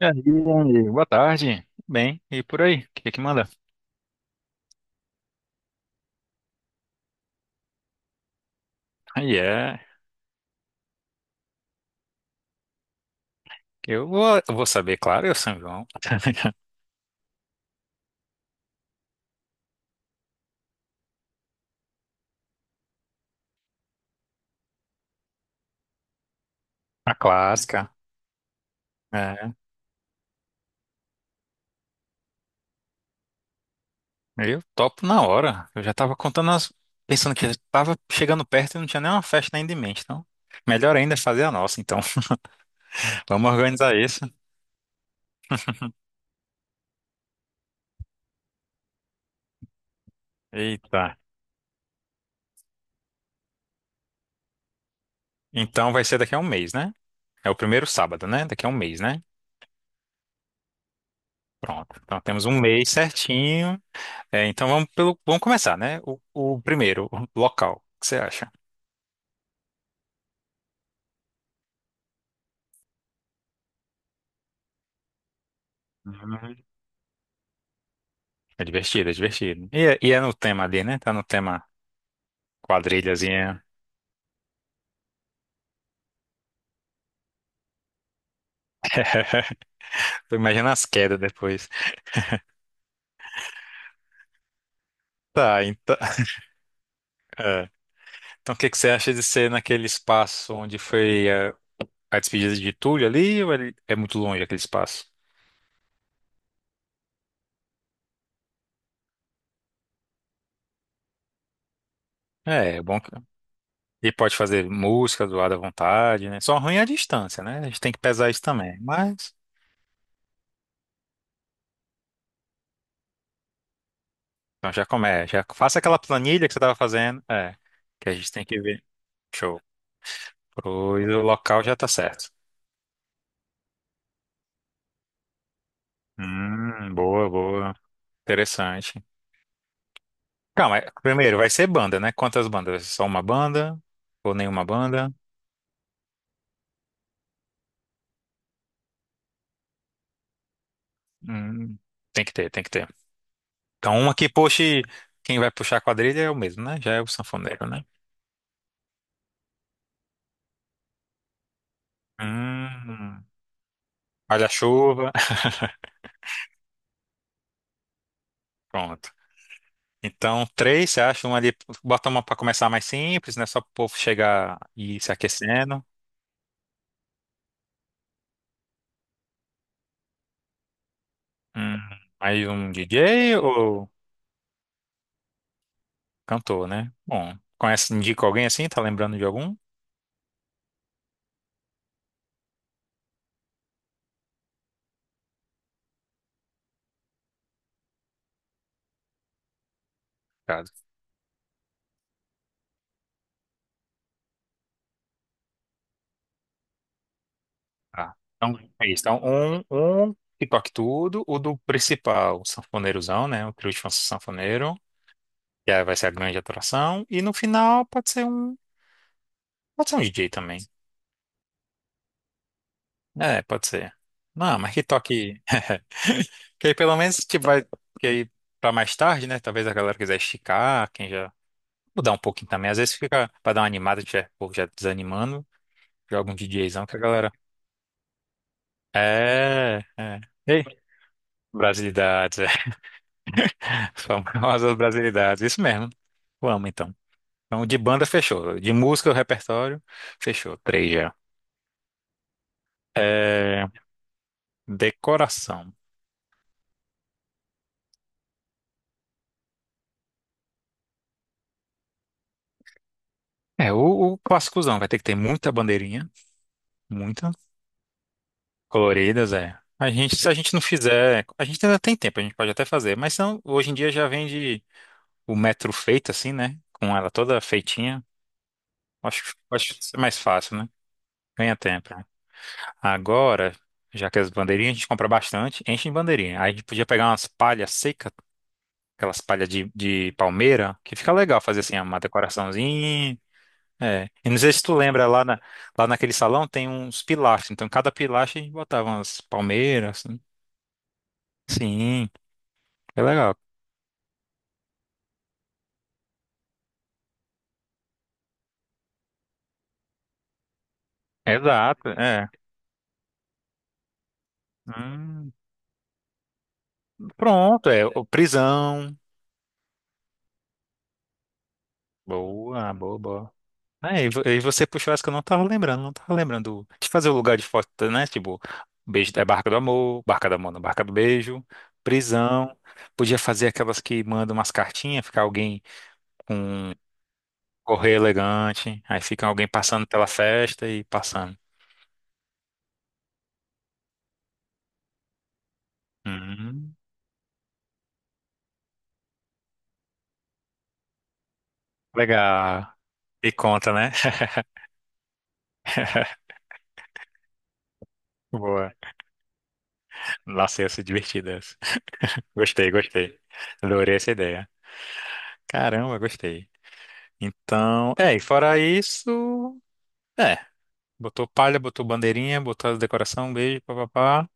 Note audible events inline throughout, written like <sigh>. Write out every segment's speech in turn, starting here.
E aí, Andy? Boa tarde. Tudo bem, e por aí? O que é que manda? Aí é. Eu vou saber, claro, eu São João. <laughs> A clássica. É, eu topo na hora. Eu já tava contando as. Pensando que tava chegando perto e não tinha nenhuma festa ainda em mente. Então, melhor ainda é fazer a nossa, então. <laughs> Vamos organizar isso. Eita. Então vai ser daqui a um mês, né? É o primeiro sábado, né? Daqui a um mês, né? Pronto. Então temos um mês certinho. É, então vamos pelo. Vamos começar, né? O primeiro, o local. O que você acha? Uhum. É divertido, é divertido. E, e é no tema ali, né? Tá no tema quadrilhazinha. Tô imaginando as quedas depois. Tá, então. <laughs> É. Então, o que que você acha de ser naquele espaço onde foi a despedida de Túlio ali? Ou é muito longe aquele espaço? É, é bom. Que... E pode fazer música do lado à vontade, né? Só ruim é a distância, né? A gente tem que pesar isso também. Mas. Então, já começa. Já faça aquela planilha que você tava fazendo. É. Que a gente tem que ver. Show. Pois o local já tá certo. Boa, boa. Interessante. Calma, primeiro, vai ser banda, né? Quantas bandas? Só uma banda? Ou nenhuma banda? Hum, tem que ter, tem que ter. Então, uma que puxe, quem vai puxar a quadrilha é o mesmo, né? Já é o sanfoneiro, né? Hum, guarda-chuva. <laughs> Pronto. Então, três, você acha? Uma ali, bota uma pra começar mais simples, né? Só pro povo chegar e ir se aquecendo. Hum, aí um DJ ou cantor, né? Bom, conhece, indica alguém assim? Tá lembrando de algum? Tá. Então, é isso. Então, um que toque tudo, o do principal, o sanfoneirozão, né? O trio de sanfoneiro, que aí vai ser a grande atração. E no final pode ser um DJ também. É, pode ser. Não, mas que toque. <laughs> Que aí pelo menos tipo, vai. Que aí pra mais tarde, né? Talvez a galera quiser esticar, quem já. Mudar um pouquinho também. Às vezes fica pra dar uma animada, tiver povo já desanimando, joga um DJzão que a galera. É, é. Ei, brasilidades, famosas brasilidades, isso mesmo. Vamos então. Então, de banda fechou. De música, o repertório, fechou. Três já. É, decoração. É, o clássicozão vai ter que ter muita bandeirinha, muita. Coloridas, é. A gente, se a gente não fizer, a gente ainda tem tempo, a gente pode até fazer, mas são, hoje em dia já vende o metro feito assim, né? Com ela toda feitinha. Acho, acho que isso é mais fácil, né? Ganha tempo. Agora, já que as bandeirinhas a gente compra bastante, enche de bandeirinha. Aí a gente podia pegar umas palhas secas, aquelas palhas de palmeira, que fica legal fazer assim uma decoraçãozinha. É. E não sei se tu lembra, lá naquele salão tem uns pilastros. Então, cada pilastro a gente botava umas palmeiras assim. Sim, é legal. Exato, é. Hum, pronto, é. O Prisão. Boa, boa, boa. É, e você puxou essa que eu não tava lembrando, não tava lembrando de fazer o lugar de foto, né? Tipo, beijo é Barca do Amor, não, Barca do Beijo, prisão. Podia fazer aquelas que mandam umas cartinhas, ficar alguém com correio elegante, aí fica alguém passando pela festa e passando. Hum, legal. E conta, né? <laughs> Boa. Nossa, essa é divertida essa. Gostei, gostei. Adorei essa ideia. Caramba, gostei. Então, é, e fora isso. É. Botou palha, botou bandeirinha, botou as decoração, beijo, papapá.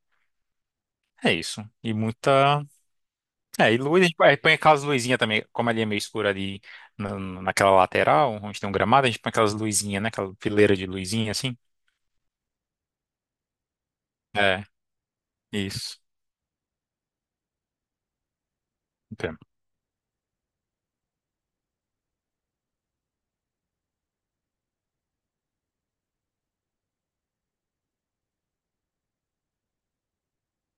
É isso. E muita. É, e luz, a gente põe aí põe aquelas luzinhas também, como ali é meio escuro ali naquela lateral, onde tem um gramado, a gente põe aquelas luzinhas, né? Aquela fileira de luzinha assim. É, isso. Entendo.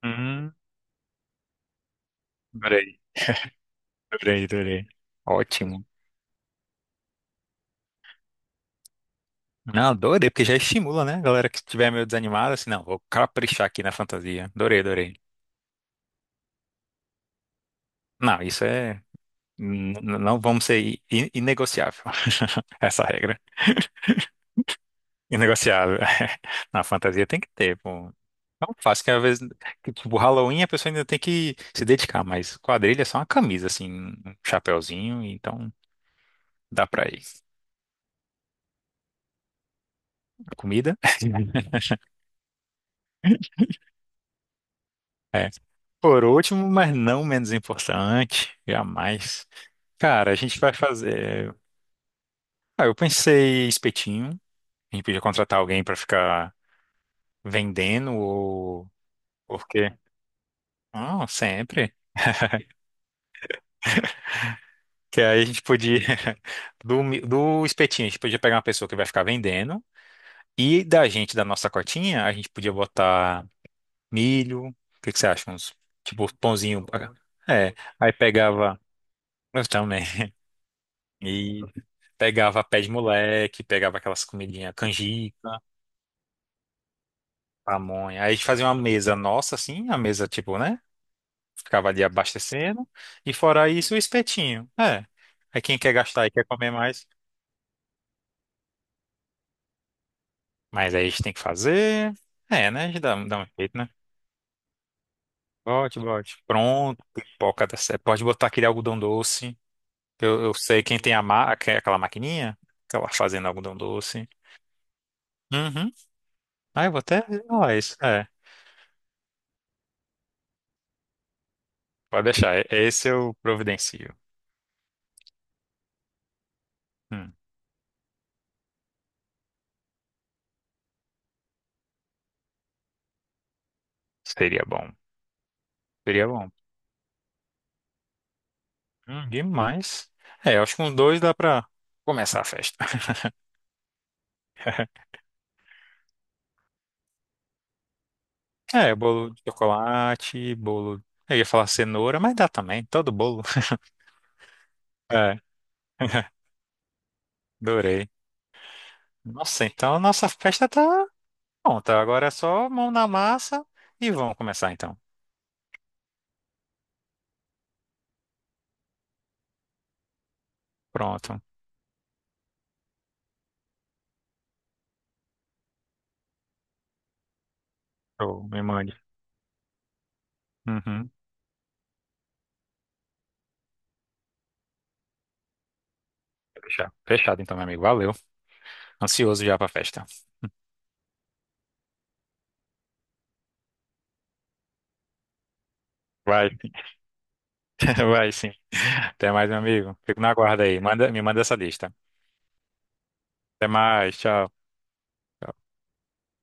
Hum, adorei, adorei, adorei. Ótimo. Não, adorei, porque já estimula, né? A galera que estiver meio desanimada, assim, não, vou caprichar aqui na fantasia. Adorei, adorei. Não, isso é. Não vamos ser inegociável, <laughs> essa regra. Inegociável. <laughs> Na fantasia tem que ter, pô. Não fácil que às vezes, que, tipo, Halloween a pessoa ainda tem que se dedicar, mas quadrilha é só uma camisa, assim, um chapéuzinho, então dá pra ir. Comida? <laughs> É. Por último, mas não menos importante, jamais. Cara, a gente vai fazer. Ah, eu pensei espetinho. A gente podia contratar alguém pra ficar vendendo ou. Por quê? Ah, sempre. <laughs> Que aí a gente podia, <laughs> do espetinho, a gente podia pegar uma pessoa que vai ficar vendendo. E da gente, da nossa cotinha, a gente podia botar milho. O que que você acha? Uns, tipo, pãozinho. É. Aí pegava. Eu também. <laughs> E pegava pé de moleque, pegava aquelas comidinhas canjica, pamonha. Aí a gente fazia uma mesa nossa, assim, a mesa, tipo, né? Ficava ali abastecendo. E fora isso, o espetinho. É. Aí quem quer gastar e quer comer mais. Mas aí a gente tem que fazer. É, né? A gente dá, dá um jeito, né? Bote, bote. Pronto, pipoca da Sé. Pode botar aquele algodão doce. Eu sei quem tem a ma... aquela maquininha, aquela fazendo algodão doce. Uhum. Ah, eu vou até. Ó, isso. É. Pode deixar. Esse eu providencio. Hum, seria bom. Seria bom. Demais. É, eu acho que com dois dá pra começar a festa. <laughs> É, bolo de chocolate, bolo. Eu ia falar cenoura, mas dá também, todo bolo. <laughs> É, adorei. Nossa, então a nossa festa tá pronta. Agora é só mão na massa e vamos começar então. Pronto. Show, me mande. Uhum. Fechado. Fechado então, meu amigo. Valeu. Ansioso já pra festa. Vai, <laughs> vai sim. Até mais, meu amigo. Fico na guarda aí. Manda, me manda essa lista. Até mais. Tchau.